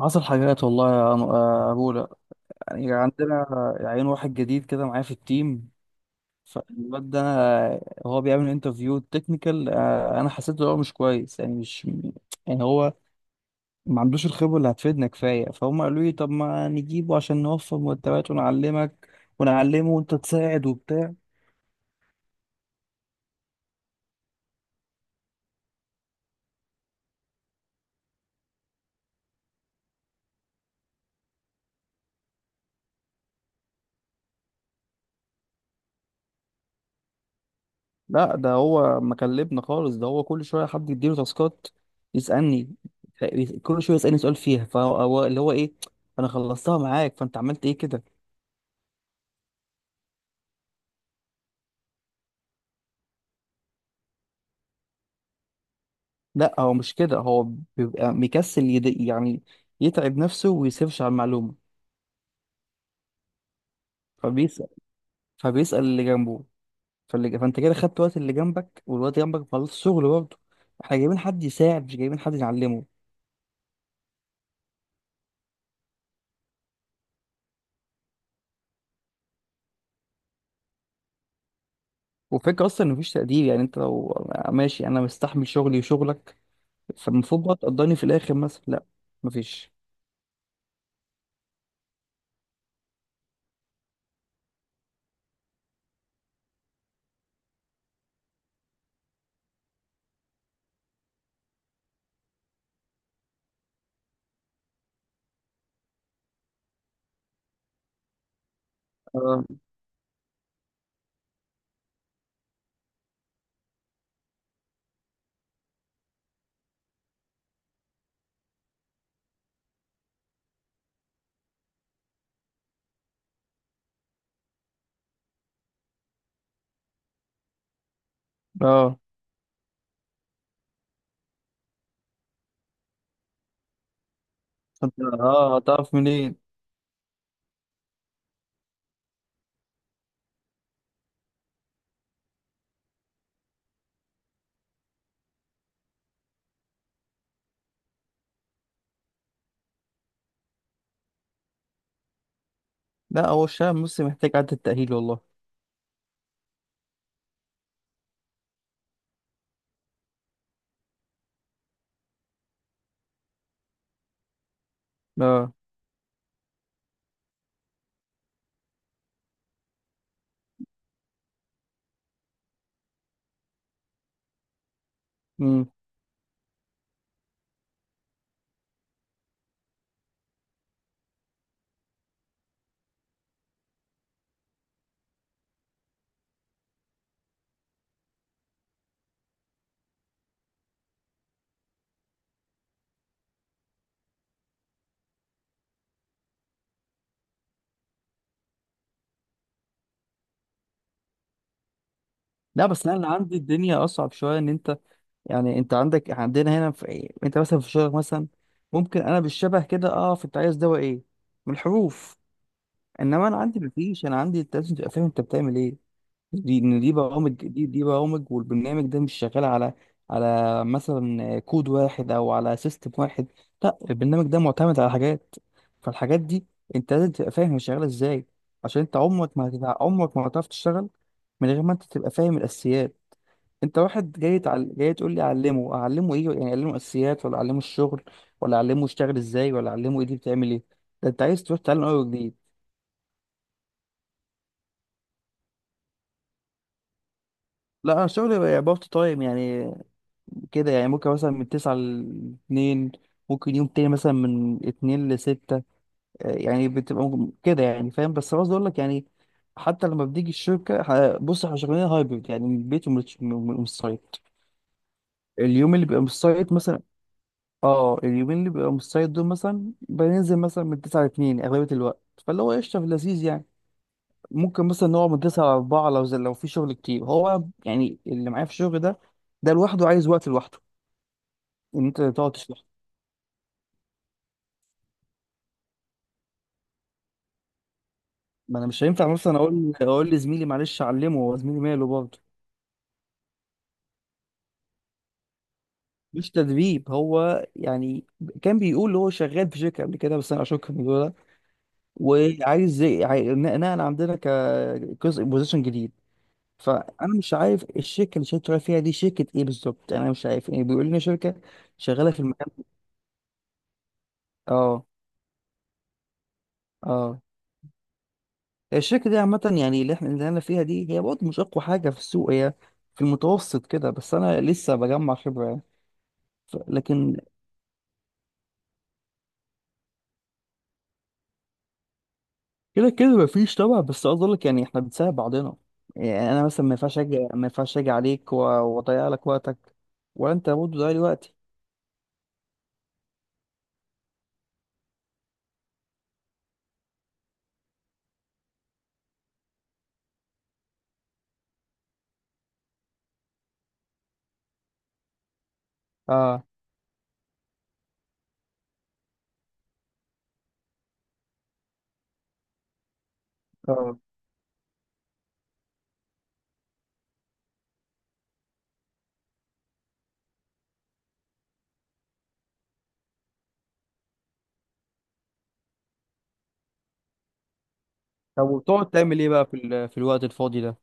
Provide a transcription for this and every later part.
حصل حاجات والله يا أبولا. يعني عندنا عين واحد جديد كده معايا في التيم. فالواد ده هو بيعمل انترفيو تكنيكال. أنا حسيت إن هو مش كويس، يعني مش يعني هو ما عندوش الخبرة اللي هتفيدنا كفاية، فهم قالوا لي طب ما نجيبه عشان نوفر مرتبات ونعلمك ونعلمه، وأنت تساعد وبتاع. لا، ده هو مكلبنا خالص، ده هو كل شوية حد يديله تاسكات يسألني، كل شوية يسألني سؤال فيها. فهو اللي هو إيه، أنا خلصتها معاك فأنت عملت إيه كده؟ لا هو مش كده، هو بيبقى مكسل يعني يتعب نفسه ويسيرش على المعلومة، فبيسأل فبيسأل اللي جنبه. فانت كده خدت وقت اللي جنبك، والوقت جنبك مخلص شغل برضه. احنا جايبين حد يساعد مش جايبين حد يعلمه. وفكرة اصلا ان مفيش تقدير، يعني انت لو ماشي انا مستحمل شغلي وشغلك فالمفروض بقى تقدرني في الاخر مثلا، لا مفيش. اه. اه. فانت، اه هتعرف منين؟ لا، هو الشعب المصري محتاج عدة تأهيل والله. اه. امم. لا بس انا اللي عندي الدنيا اصعب شويه، ان انت يعني انت عندك عندنا هنا في ايه، انت مثلا في شغلك مثلا ممكن انا بالشبه كده اقف انت عايز دواء ايه من الحروف. انما انا عندي مفيش، انا عندي انت لازم تبقى فاهم انت بتعمل ايه. دي ان دي برامج، دي برامج، والبرنامج ده مش شغال على مثلا كود واحد او على سيستم واحد. لا البرنامج ده معتمد على حاجات، فالحاجات دي انت لازم تبقى فاهم هي شغاله ازاي. عشان انت عمرك ما هتعرف تشتغل من غير ما انت تبقى فاهم الاساسيات. انت واحد جاي جاي تقول لي اعلمه، اعلمه ايه يعني؟ اعلمه اساسيات ولا اعلمه الشغل ولا اعلمه يشتغل ازاي ولا اعلمه ايه دي بتعمل ايه؟ ده انت عايز تروح تعلم اول جديد. لا انا شغلي بقى بارت تايم يعني، كده يعني ممكن مثلا من 9 ل 2، ممكن يوم تاني مثلا من 2 ل 6، يعني بتبقى كده يعني فاهم. بس قصدي اقول لك يعني، حتى لما بتيجي الشركه، بص احنا شغالين هايبرد يعني من البيت ومن السايت. اليوم اللي بيبقى من السايت مثلا، اه، اليومين اللي بيبقى مستعد دول مثلا بننزل مثلا من 9 ل 2 اغلبية الوقت. فاللي هو قشطة في اللذيذ يعني، ممكن مثلا نقعد من 9 ل 4 لو في شغل كتير. هو يعني اللي معايا في الشغل ده، ده لوحده عايز وقت لوحده، ان انت تقعد تشرح. ما انا مش هينفع مثلا اقول لزميلي معلش علمه، هو زميلي ماله برضه؟ مش تدريب هو يعني، كان بيقول هو شغال في شركه قبل كده بس انا اشك في الموضوع ده، وعايز نقل عندنا كجزء بوزيشن جديد. فانا مش عارف الشركه اللي شغال فيها دي شركه ايه بالظبط، انا مش عارف يعني، بيقول لنا شركه شغاله في المكان. اه. اه. الشركه دي عامه، يعني اللي انا فيها دي هي برضه مش اقوى حاجه في السوق، هي في المتوسط كده، بس انا لسه بجمع خبره يعني. لكن كده كده مفيش طبعا، بس عاوز اقول لك يعني احنا بنساعد بعضنا. يعني انا مثلا ما ينفعش اجي عليك واضيع لك وقتك، ولا انت برضه ضايع لي وقتي. اه. اه. طب وبتقعد تعمل ايه بقى في الوقت الفاضي ده؟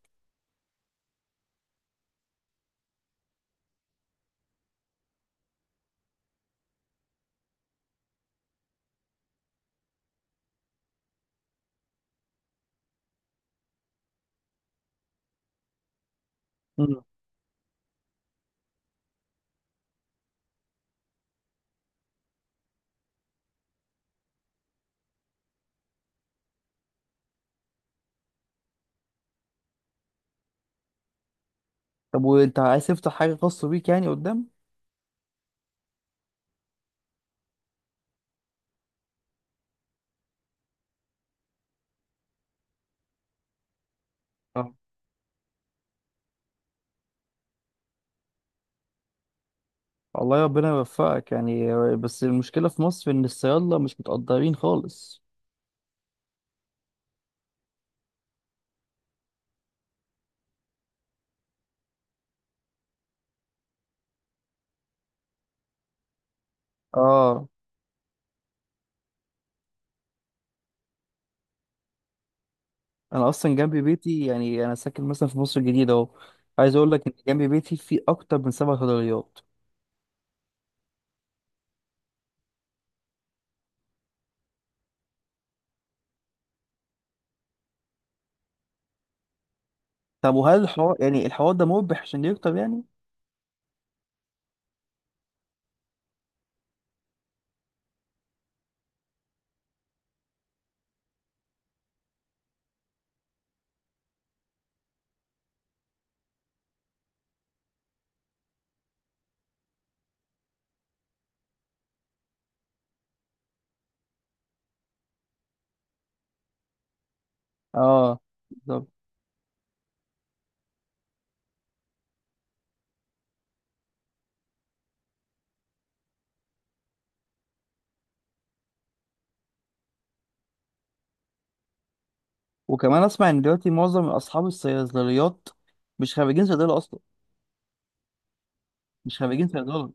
طب وانت عايز تفتح حاجة خاصة بيك يعني قدام؟ اه، الله ربنا يوفقك يعني. بس المشكلة في مصر إن الصيادلة مش متقدرين خالص. اه. أنا أصلا جنب بيتي، يعني أنا ساكن مثلا في مصر الجديدة أهو، عايز أقول لك إن جنب بيتي في أكتر من سبع صيدليات. طب وهل الحوار ده مربح عشان يكتر يعني؟ اه بالظبط. وكمان أسمع إن دلوقتي معظم أصحاب الصيدليات مش خريجين صيدلة أصلا. مش خريجين صيدلة.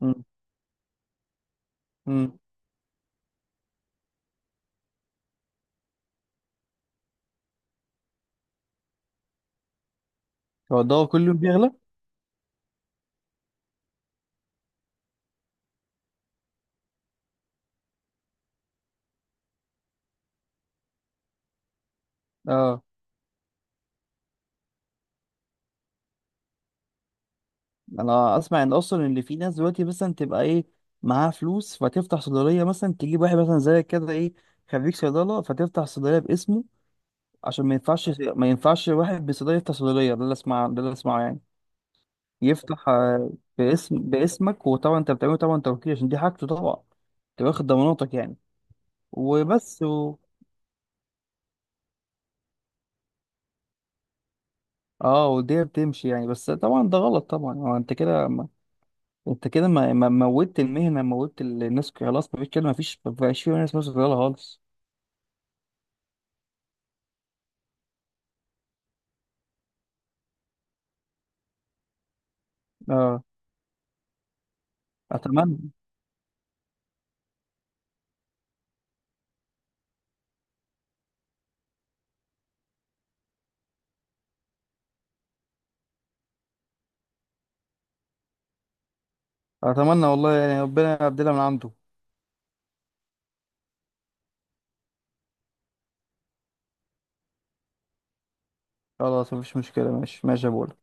امم. امم. هو الدواء كل يوم بيغلى؟ اه. انا اسمع ان اصلا اللي في ناس دلوقتي مثلا تبقى ايه، معاها فلوس فتفتح صيدليه مثلا، تجيب واحد مثلا زي كده ايه، خريج صيدله، فتفتح صيدليه باسمه، عشان ما ينفعش، ما ينفعش واحد بصيدليه يفتح صيدليه. ده اللي اسمع ده اللي اسمعه يعني، يفتح باسمك، وطبعا انت بتعمله طبعا توكيل عشان دي حاجته طبعا، تبقى واخد ضماناتك يعني. وبس اه، والدنيا بتمشي يعني، بس طبعا ده غلط طبعا. هو انت كده ما... انت كده ما... ما موتت المهنه، موتت الناس خلاص، مفيش كده، مفيش فيه ناس مثلا خالص. اه. اتمنى. اتمنى والله يعني ربنا يبدلها من عنده. خلاص مفيش مشكلة، ماشي ماشي يا بول.